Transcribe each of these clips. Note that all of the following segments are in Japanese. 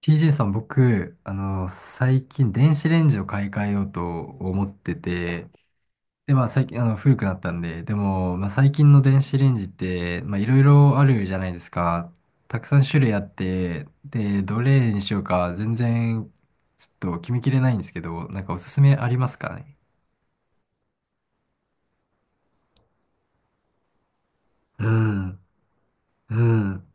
TJ さん、僕、最近電子レンジを買い替えようと思ってて、で、まあ最近、古くなったんで、でも、まあ最近の電子レンジって、まあいろいろあるじゃないですか。たくさん種類あって、で、どれにしようか全然、ちょっと決めきれないんですけど、なんかおすすめありますかね？うん、うん、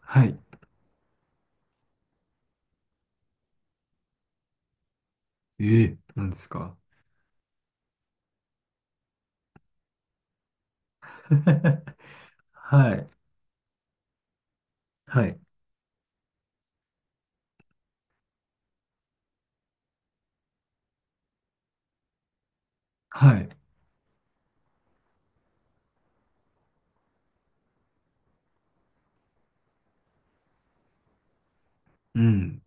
はい。ええ、なんですか？ はい、はい、はい、うん、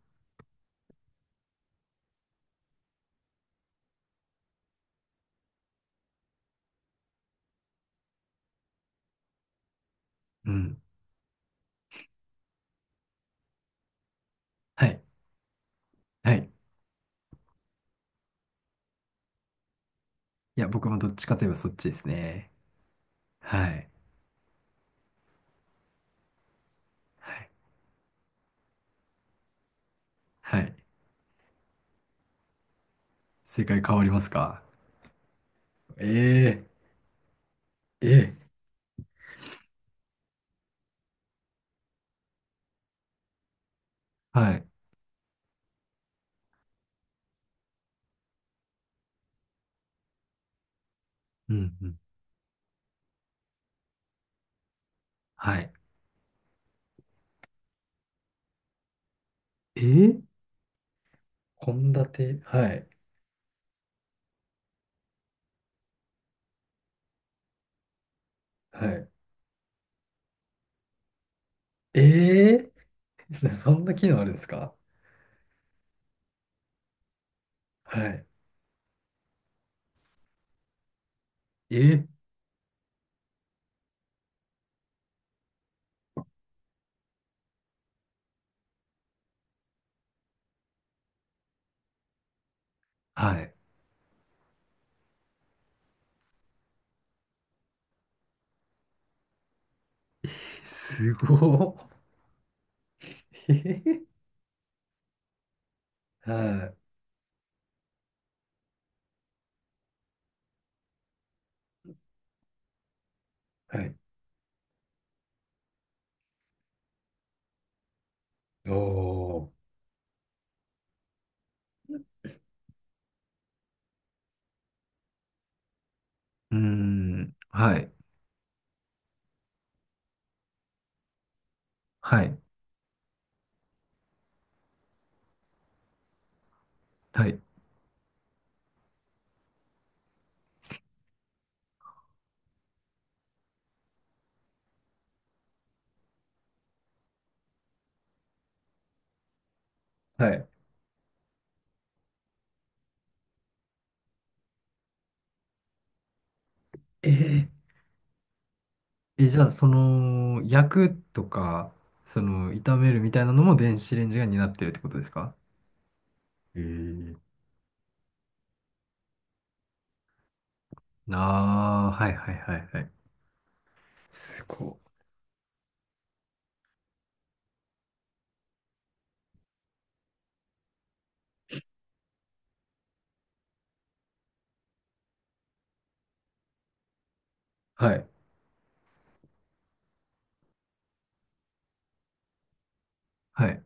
うん、はい、はい。いや、僕もどっちかといえばそっちですね。はい。はい。はい。正解変わりますか？ええええ。はい。うんうん。はい。ええ。献立。はい。はい。ええ。 そんな機能あるんですか？はい。ええ。はい。すごい。ええ。はい。はい。おー。うーん。はい。はい。はい。はい。えええ、じゃあ、焼くとか、炒めるみたいなのも電子レンジが担ってるってことですか？えー、ああー、はいはいはいはい。すごい。はい。はい。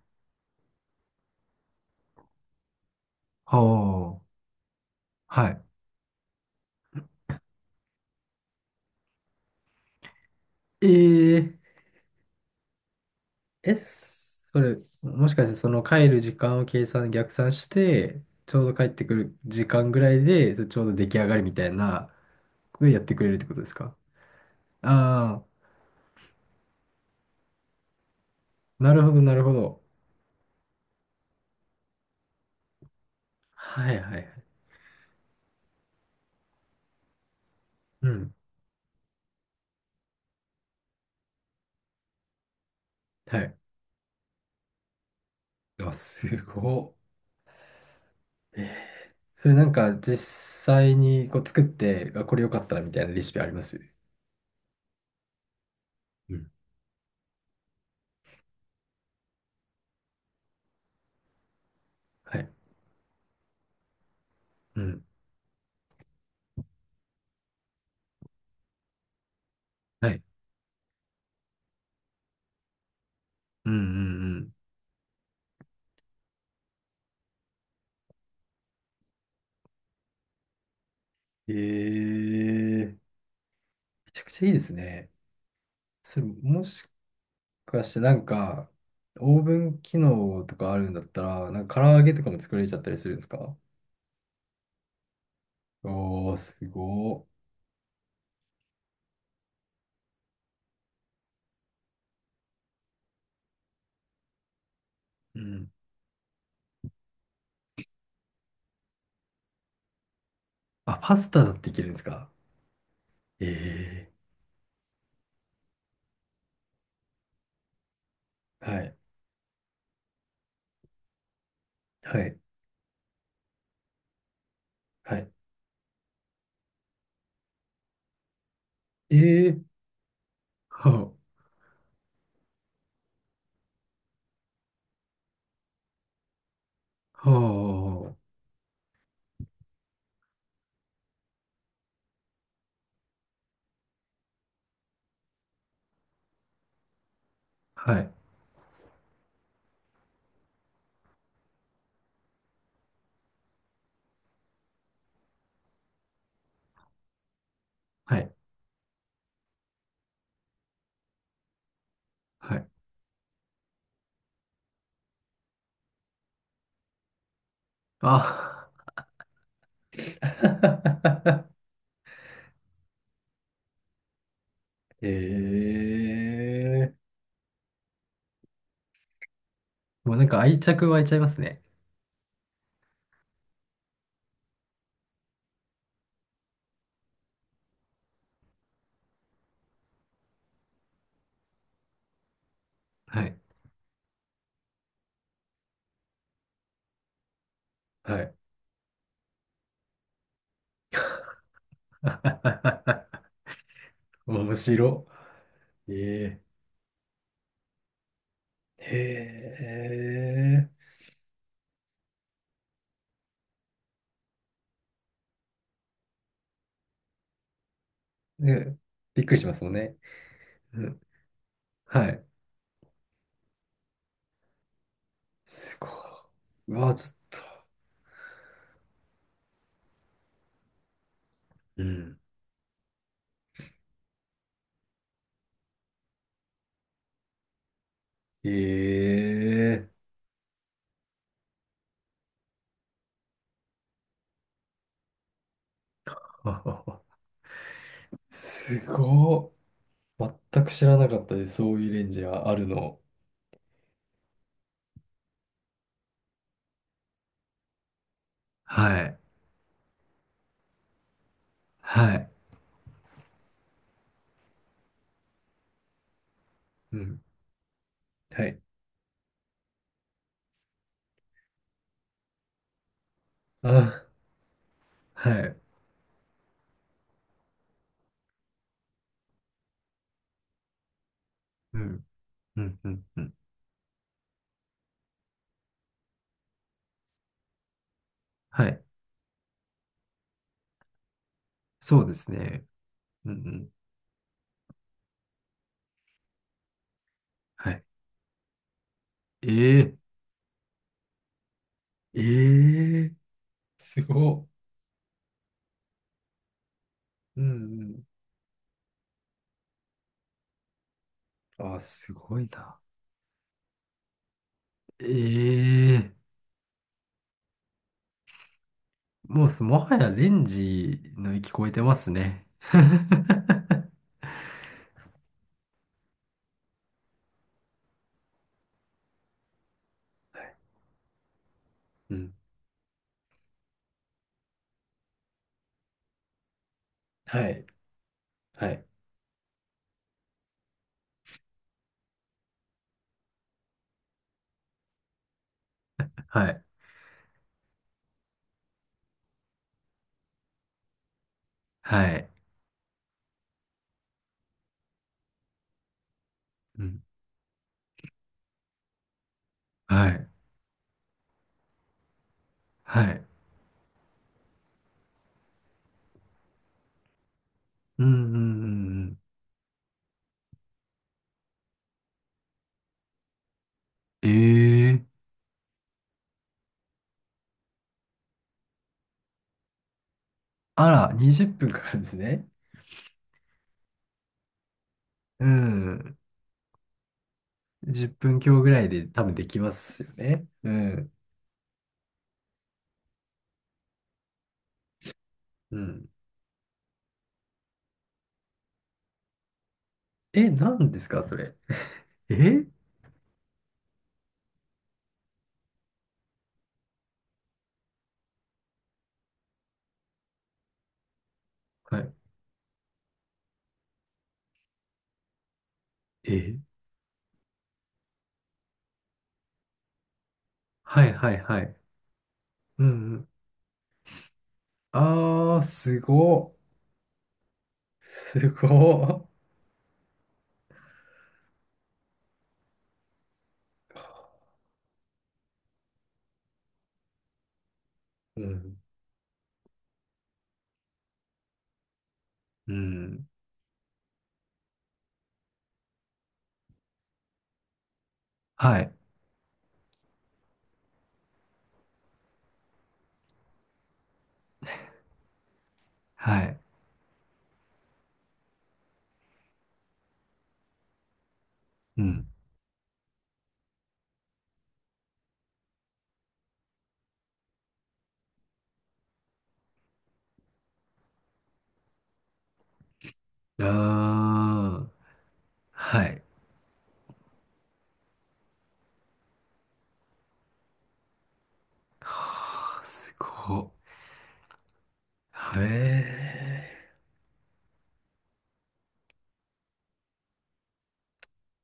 はあ。はい。えー、え、それ、もしかしてその帰る時間を逆算して、ちょうど帰ってくる時間ぐらいで、それちょうど出来上がりみたいなことをやってくれるってことですか？ああー、なるほどなるほど。はいはいはい。うん。はい。あ、すごっ。えーそれなんか実際にこう作って、あ、これ良かったみたいなレシピあります？うん。はい。うん。はい。うんうんうん。えー、めちゃくちゃいいですね。それもしかしてなんか、オーブン機能とかあるんだったら、なんか唐揚げとかも作れちゃったりするんですか？おー、すごー。うん。あ、パスタだっていけるんですか？ええー、はい。はい。はい。ええー、はあ、はあ、はい。はい。はい。あ、ええ。もうなんか愛着湧いちゃいますね。はい。はい。面白。ええ。へえ。ね、びっくりしますもんね。うん。はい。すごい。うわ、ちょっと。うん。ええー。すごい。全く知らなかったです。そういうレンジがあるの。はい。はい。うん。はい。あ、はい。うん。うんうんうん。はい。そうですね。うんうん。はい。ええええ。すごっ。うんうん。あ、すごいな。ええ。もうもはやレンジの域超えてますね。うん。はい。はい。はい。はい。うん。はい。はい。うんうんうんうん。ええ。あら、20分からですね。うん。10分強ぐらいで多分できますよね。うん。うん。え、何ですか、それ。え。はい。え、はいはいはい。うんうん。あー、すごっ。すごっ。うん。うん。はい。はい。うん。あー、はい。はー、すごっ。へえ。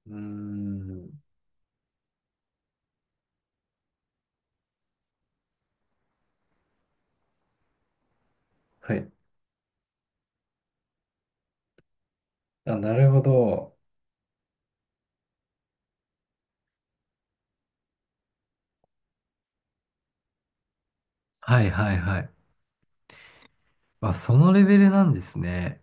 うーん。はい。あ、なるほど。はいはいはい。あ、そのレベルなんですね。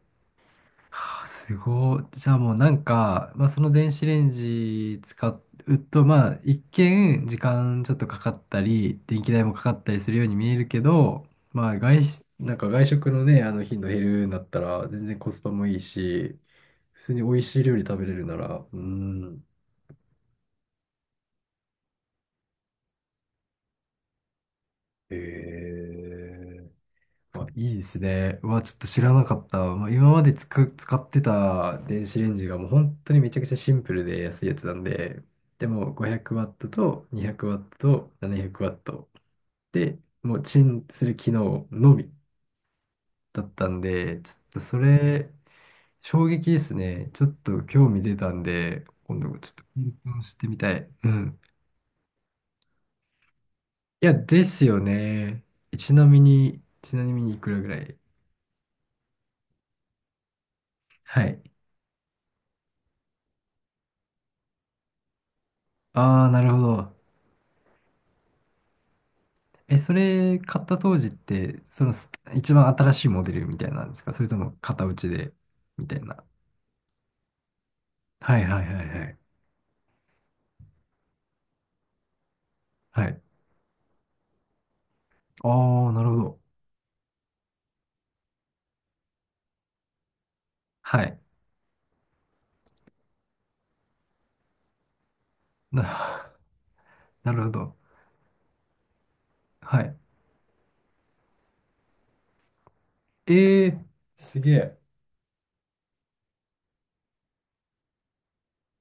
はあ。すごい。じゃあもうなんか、まあ、その電子レンジ使うと、まあ一見時間ちょっとかかったり、電気代もかかったりするように見えるけど、まあなんか外食のね、あの頻度減るんだったら全然コスパもいいし、普通に美味しい料理食べれるなら、うん。へえ。あ、いいですね。うわ、ちょっと知らなかった。まあ、今まで使ってた電子レンジがもう本当にめちゃくちゃシンプルで安いやつなんで、でも 500W と 200W と 700W で、もうチンする機能のみだったんで、ちょっとそれ、衝撃ですね。ちょっと興味出たんで、今度ちょっと検討してみたい。うん。いや、ですよね。ちなみにいくらぐらい？はい。ああ、なるほど。え、それ買った当時って、そのす一番新しいモデルみたいなんですか？それとも型打ちで、みたいな？はいはいはいはい。はい。ああ、なるほど。はい。な、なるほど。はい。ええ。すげえ。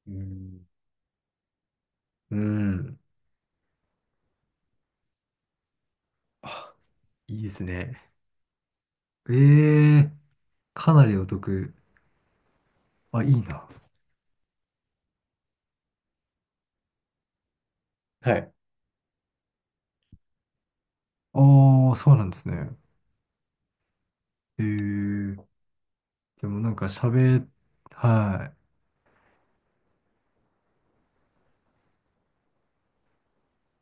うん。うん。いいですね。ええ。かなりお得。あ、いいな。はい。ああ、そうなんですね。ええ。でもなんか喋、はい。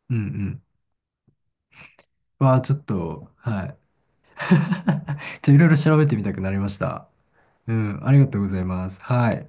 うんうん。わあ、ちょっと、はい。いろいろ調べてみたくなりました。うん、ありがとうございます。はい。